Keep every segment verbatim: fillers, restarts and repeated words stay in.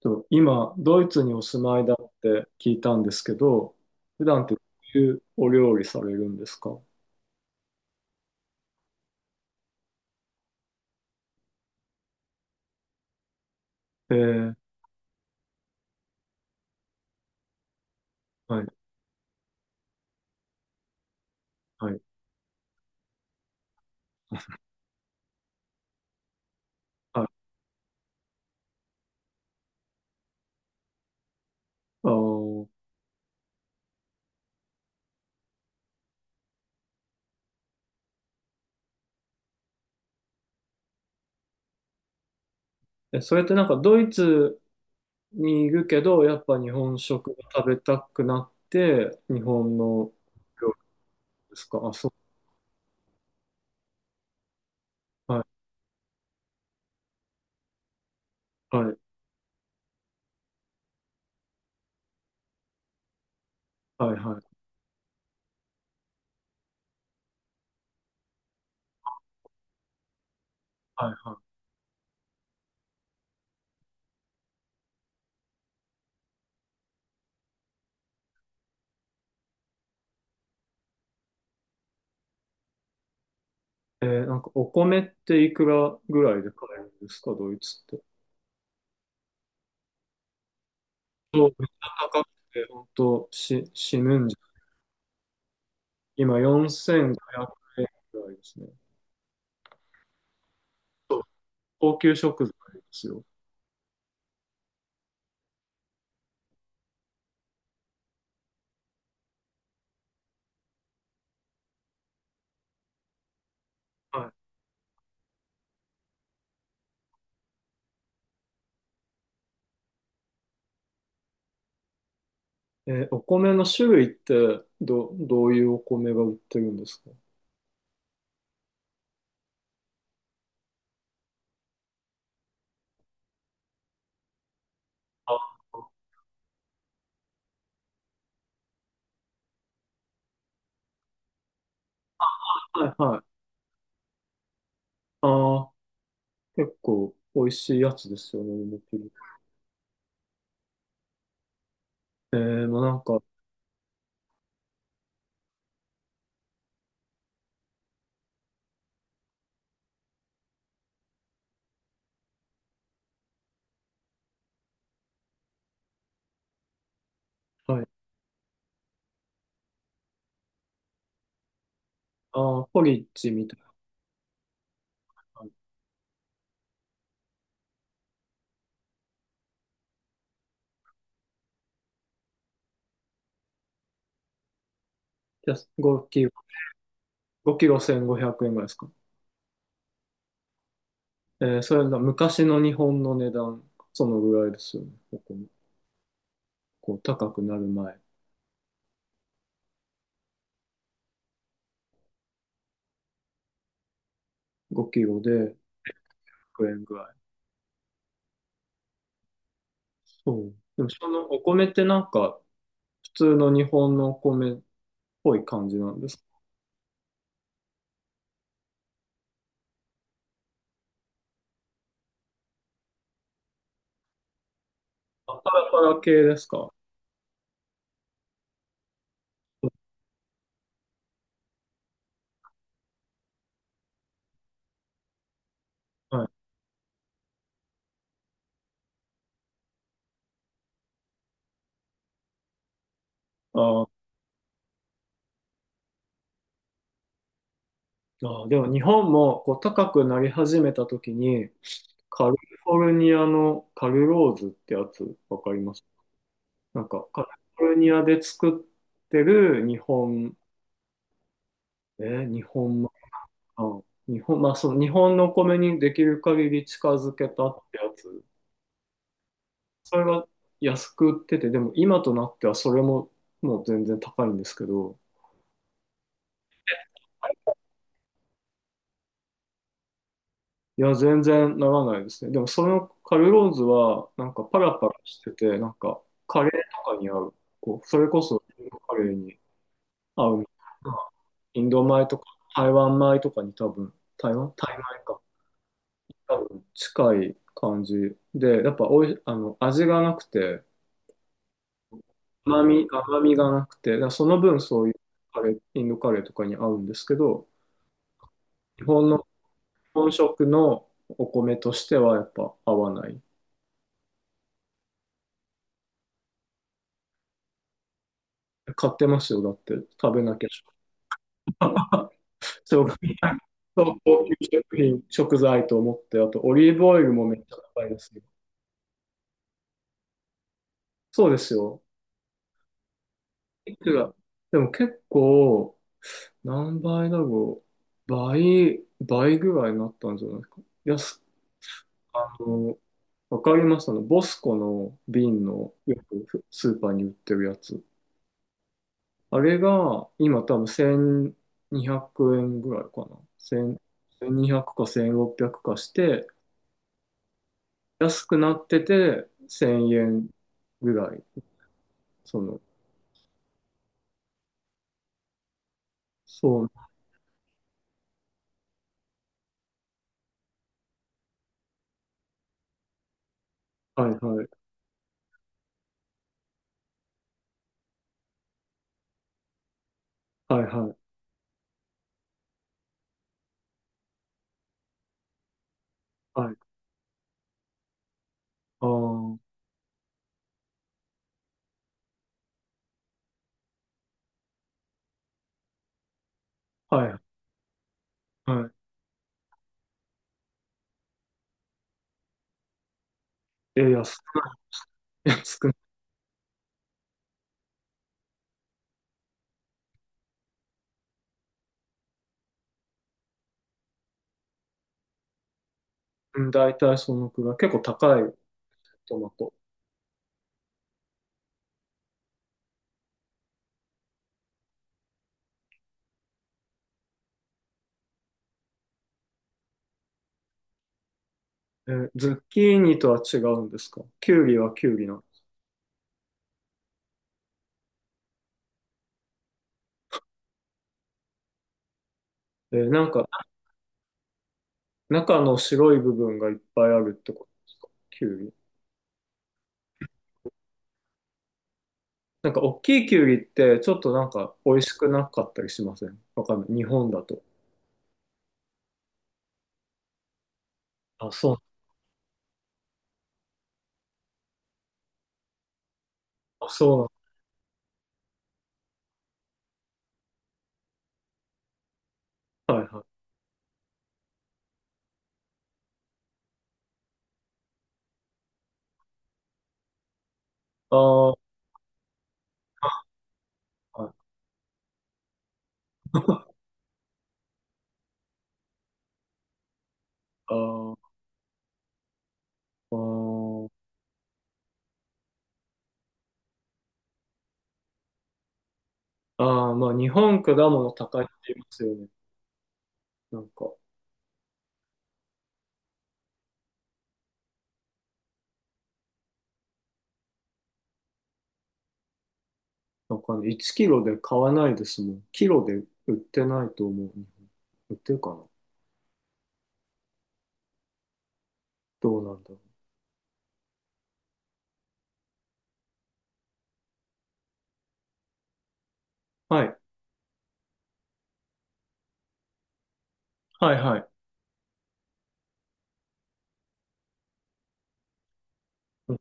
と今、ドイツにお住まいだって聞いたんですけど、普段ってどういうお料理されるんですか？えー、はい、はい、はい。あー、え、それってなんかドイツにいるけど、やっぱ日本食が食べたくなって、日本の料理ですか？あ、そう、はい、はい、はい、はい、はい、はい。えー、なんかお米っていくらぐらいで買えるんですか、ドイツって。そう、めっちゃ高くて、本当し、死ぬんじゃ。今よんせんごひゃくえんぐらいですね。そう、高級食材ですよ。はい。えーお米の種類ってど、どういうお米が売ってるんですか？あ、はいはい。ああ、結構美味しいやつですよね、梅ピル。えー、もうなんか、はい。ああ、ポリッジみたいな。やつごきろ、ごキロせんごひゃくえんぐらいですか？えー、それが昔の日本の値段、そのぐらいですよね、ここもこう、高くなる前。ごきろでひゃくえんぐらい。そう。でもそのお米ってなんか普通の日本のお米っぽい感じなんですか？あ、パラパラ系ですか？はい。あーあー、でも日本もこう高くなり始めた時にカリフォルニアのカルローズってやつわかります？なんかカリフォルニアで作ってる日本、えー日本米か、日本、まあその日本のお米にできる限り近づけたってやつ。それが安く売ってて、でも今となってはそれももう全然高いんですけど、いや、全然ならないですね。でもそのカルローズはなんかパラパラしてて、なんかカレーとかに合う、こう、それこそカレーに合うみたいな、インド米とか台湾米とかに多分、台湾タイ米か。多分近い感じで、やっぱおい、あの、味がなくて、甘み、甘みがなくて、だからその分そういうカレー、インドカレーとかに合うんですけど、日本の本食のお米としてはやっぱ合わない。買ってますよ、だって食べなきゃ。そう、う高級食品、食材と思って、あとオリーブオイルもめっちゃ高いですよ。そうですよ。いくらでも結構、何倍だろう。倍、倍ぐらいになったんじゃないですか。安、あの、わかります？あの、ボスコの瓶のよくスーパーに売ってるやつ。あれが、今多分せんにひゃくえんぐらいかな。いち ゼロ ゼロ に ゼロ ゼロかせんろっぴゃくかして、安くなっててせんえんぐらい。その、そう、はいはい、はいはい、はい。ああ、はい、はい。え、安くない、安くない。うん、大体そのくらい。結構高いトマト。え、ズッキーニとは違うんですか？キュウリはキュウリなの？え、なんか、中の白い部分がいっぱいあるってことですか？キュウリ。なんか大きいキュウリってちょっとなんか美味しくなかったりしません？わかんない。日本だと。あ、そう。あ、そうなんはいはい。ああ、はい。あーあー、あー、まあ日本果物高いって言いますよね。なんか、なんかね、いちきろで買わないですもん。キロで売ってないと思う。日本、売ってるかな、どうなんだろう。はい。はいはい。うん、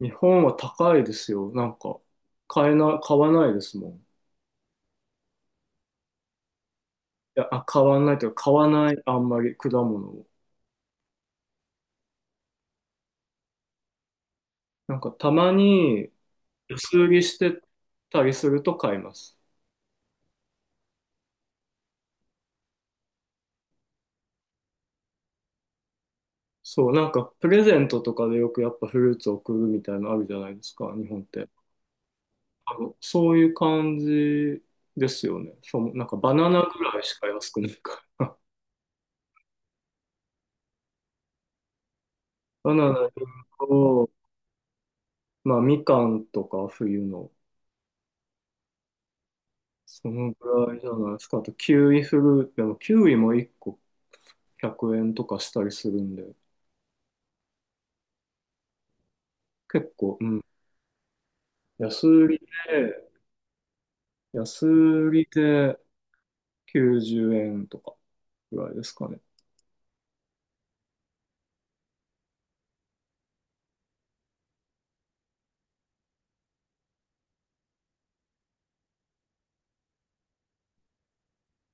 日本は高いですよ。なんか、買えな、買わないですもん。いや、あ、買わないというか、買わない、あんまり果物を。なんかたまに安売りしてたりすると買います。そう、なんかプレゼントとかでよくやっぱフルーツ送るみたいなのあるじゃないですか、日本って。あの、そういう感じですよね。そう、なんかバナナぐらいしか安くないから。バナナと、まあみかんとか冬の、そのぐらいじゃないですか。あとキウイフルーツ、でもキウイもいっこひゃくえんとかしたりするんで、結構、うん。安売りで、安売りで、きゅうじゅうえんとかぐらいですかね。